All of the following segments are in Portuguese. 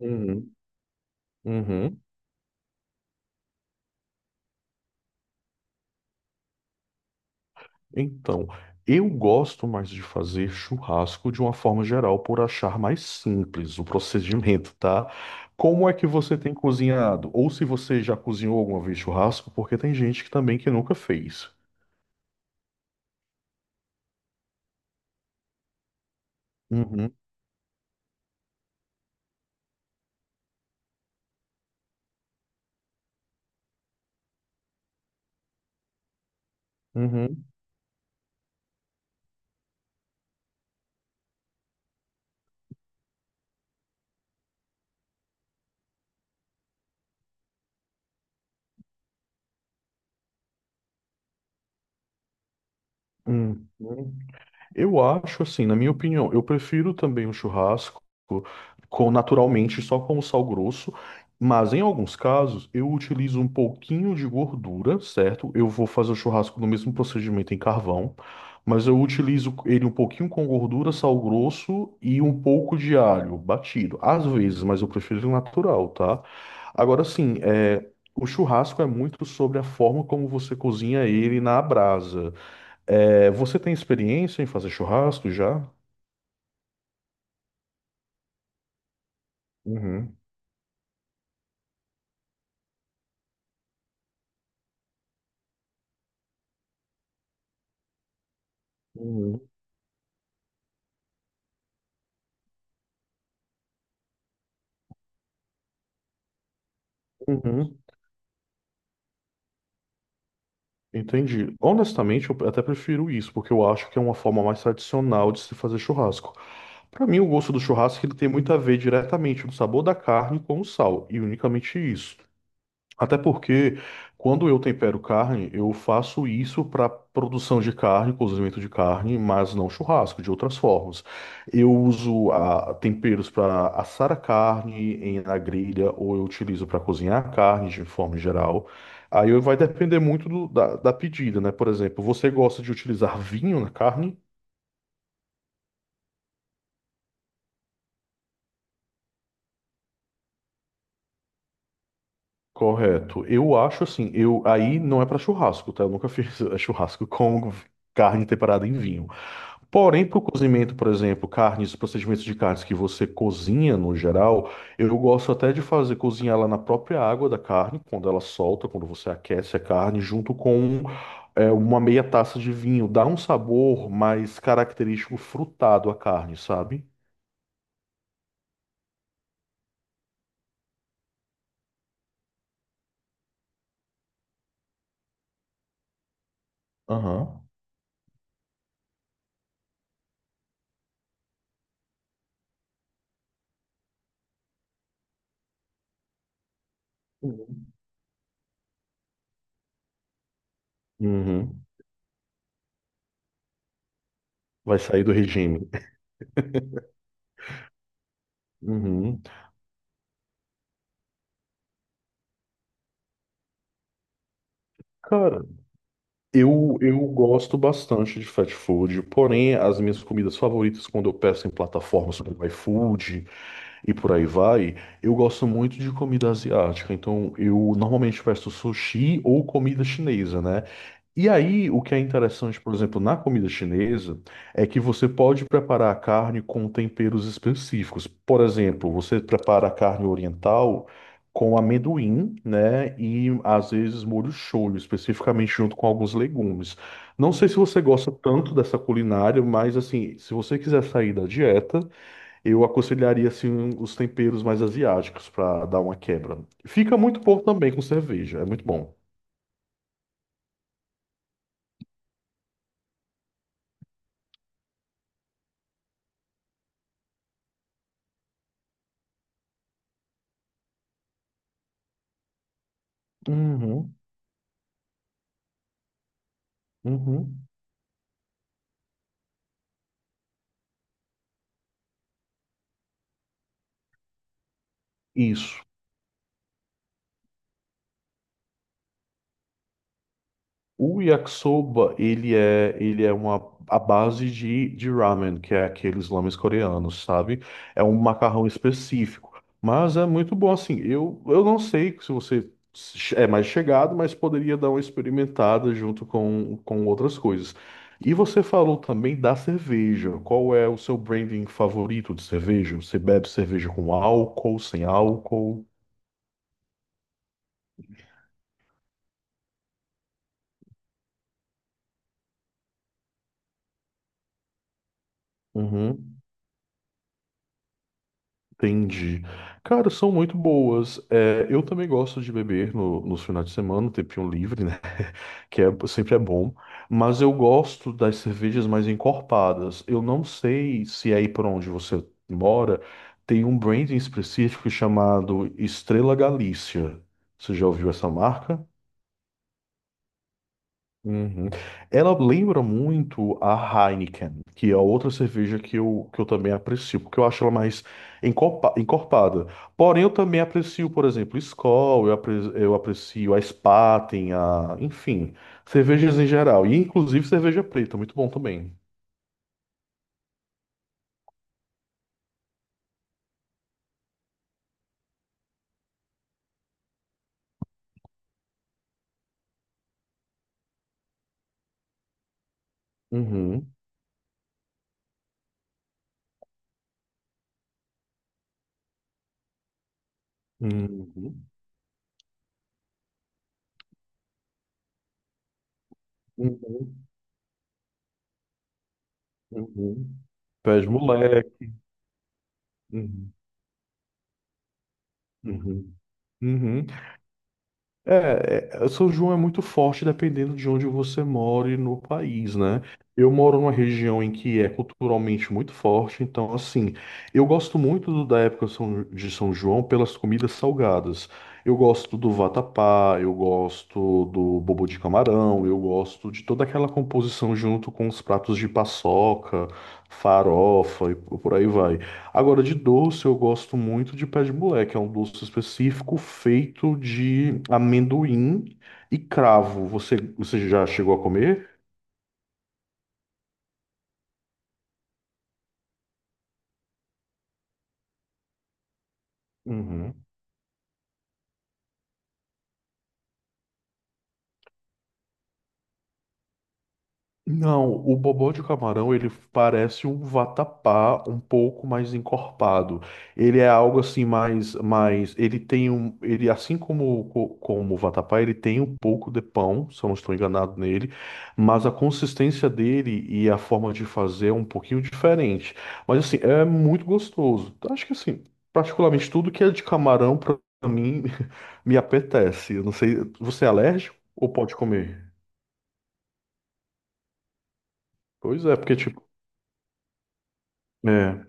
Uhum, uhum. Então, eu gosto mais de fazer churrasco de uma forma geral por achar mais simples o procedimento, tá? Como é que você tem cozinhado? Ou se você já cozinhou alguma vez churrasco, porque tem gente que também que nunca fez. Uhum, uhum, uhum, eu acho assim, na minha opinião, eu prefiro também o churrasco com naturalmente só com o sal grosso, mas em alguns casos eu utilizo um pouquinho de gordura, certo? Eu vou fazer o churrasco no mesmo procedimento em carvão, mas eu utilizo ele um pouquinho com gordura, sal grosso e um pouco de alho batido, às vezes, mas eu prefiro o natural, tá? Agora sim, é, o churrasco é muito sobre a forma como você cozinha ele na brasa. É, você tem experiência em fazer churrasco já? Uhum. Uhum. Uhum. Entendi. Honestamente, eu até prefiro isso, porque eu acho que é uma forma mais tradicional de se fazer churrasco. Para mim, o gosto do churrasco ele tem muito a ver diretamente do sabor da carne com o sal, e unicamente isso. Até porque quando eu tempero carne, eu faço isso para produção de carne, cozimento de carne, mas não churrasco, de outras formas. Eu uso temperos para assar a carne em, na grelha, ou eu utilizo para cozinhar a carne de forma geral. Aí vai depender muito da pedida, né? Por exemplo, você gosta de utilizar vinho na carne? Correto. Eu acho assim, eu aí não é para churrasco, tá? Eu nunca fiz churrasco com carne temperada em vinho. Porém, para o cozimento, por exemplo, carnes, procedimentos de carnes que você cozinha no geral, eu gosto até de fazer cozinhar ela na própria água da carne, quando ela solta, quando você aquece a carne, junto com uma meia taça de vinho. Dá um sabor mais característico frutado à carne, sabe? Aham. Uhum. Uhum. Vai sair do regime. Uhum. Cara, eu gosto bastante de fast food, porém as minhas comidas favoritas quando eu peço em plataformas como iFood, e por aí vai, eu gosto muito de comida asiática, então eu normalmente peço sushi ou comida chinesa, né? E aí, o que é interessante, por exemplo, na comida chinesa, é que você pode preparar a carne com temperos específicos. Por exemplo, você prepara a carne oriental com amendoim, né? E às vezes molho shoyu, especificamente junto com alguns legumes. Não sei se você gosta tanto dessa culinária, mas assim, se você quiser sair da dieta, eu aconselharia assim os temperos mais asiáticos para dar uma quebra. Fica muito pouco também com cerveja, é muito bom. Uhum, uhum. Isso. O yakisoba, ele é uma a base de ramen, que é aqueles lames coreanos, sabe? É um macarrão específico, mas é muito bom assim. Eu não sei se você é mais chegado, mas poderia dar uma experimentada junto com outras coisas. E você falou também da cerveja. Qual é o seu branding favorito de cerveja? Você bebe cerveja com álcool, sem álcool? Uhum. Entendi. Cara, são muito boas. É, eu também gosto de beber no, nos finais de semana, no tempinho livre, né? Que é, sempre é bom. Mas eu gosto das cervejas mais encorpadas. Eu não sei se é aí por onde você mora tem um branding específico chamado Estrela Galícia. Você já ouviu essa marca? Uhum. Ela lembra muito a Heineken, que é outra cerveja que eu também aprecio, porque eu acho ela mais encorpada. Porém, eu também aprecio, por exemplo, Skol, eu aprecio a Spaten, a... enfim, cervejas em geral. E inclusive cerveja preta, muito bom também. Uhum. Uhum. Uhum. Uhum. Pés moleque. Uhum. Uhum. Uhum. É, é, São João é muito forte dependendo de onde você mora no país, né? Eu moro numa região em que é culturalmente muito forte, então, assim, eu gosto muito da época de São João pelas comidas salgadas. Eu gosto do vatapá, eu gosto do bobo de camarão, eu gosto de toda aquela composição junto com os pratos de paçoca, farofa e por aí vai. Agora, de doce, eu gosto muito de pé de moleque. É um doce específico feito de amendoim e cravo. Você já chegou a comer? Uhum. Não, o bobó de camarão ele parece um vatapá um pouco mais encorpado. Ele é algo assim mais, ele tem um, ele assim como como o vatapá ele tem um pouco de pão, se eu não estou enganado nele, mas a consistência dele e a forma de fazer é um pouquinho diferente. Mas assim é muito gostoso. Acho que assim particularmente tudo que é de camarão para mim me apetece. Eu não sei, você é alérgico ou pode comer? Pois é, porque tipo é.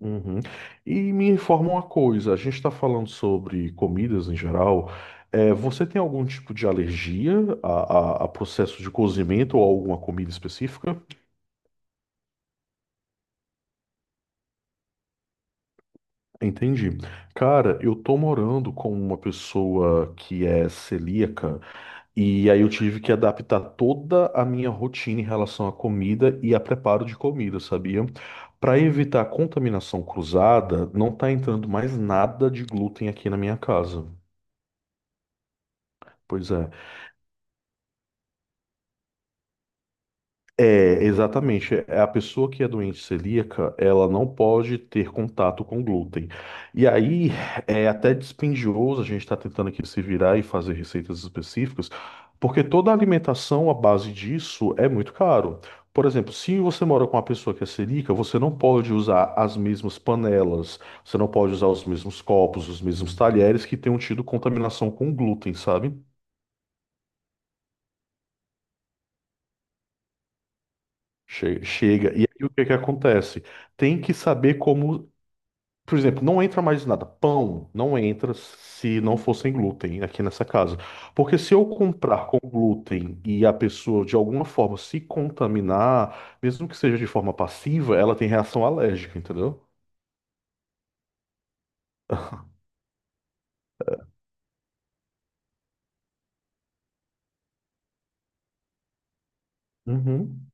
Uhum. E me informa uma coisa, a gente está falando sobre comidas em geral. É, você tem algum tipo de alergia a, a processo de cozimento ou alguma comida específica? Entendi. Cara, eu tô morando com uma pessoa que é celíaca e aí eu tive que adaptar toda a minha rotina em relação à comida e a preparo de comida, sabia? Para evitar contaminação cruzada, não tá entrando mais nada de glúten aqui na minha casa. Pois é. É, exatamente. É, a pessoa que é doente celíaca, ela não pode ter contato com glúten. E aí é até dispendioso a gente estar tentando aqui se virar e fazer receitas específicas, porque toda a alimentação à base disso é muito caro. Por exemplo, se você mora com uma pessoa que é celíaca, você não pode usar as mesmas panelas, você não pode usar os mesmos copos, os mesmos talheres que tenham tido contaminação com glúten, sabe? Chega. E aí o que que acontece? Tem que saber como. Por exemplo, não entra mais nada. Pão não entra se não for sem glúten, aqui nessa casa. Porque se eu comprar com glúten e a pessoa de alguma forma se contaminar, mesmo que seja de forma passiva, ela tem reação alérgica, entendeu? Uhum.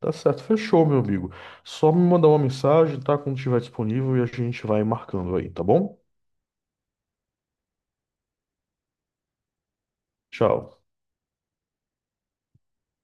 Tá certo, fechou, meu amigo. Só me mandar uma mensagem, tá? Quando estiver disponível e a gente vai marcando aí, tá bom? Tchau.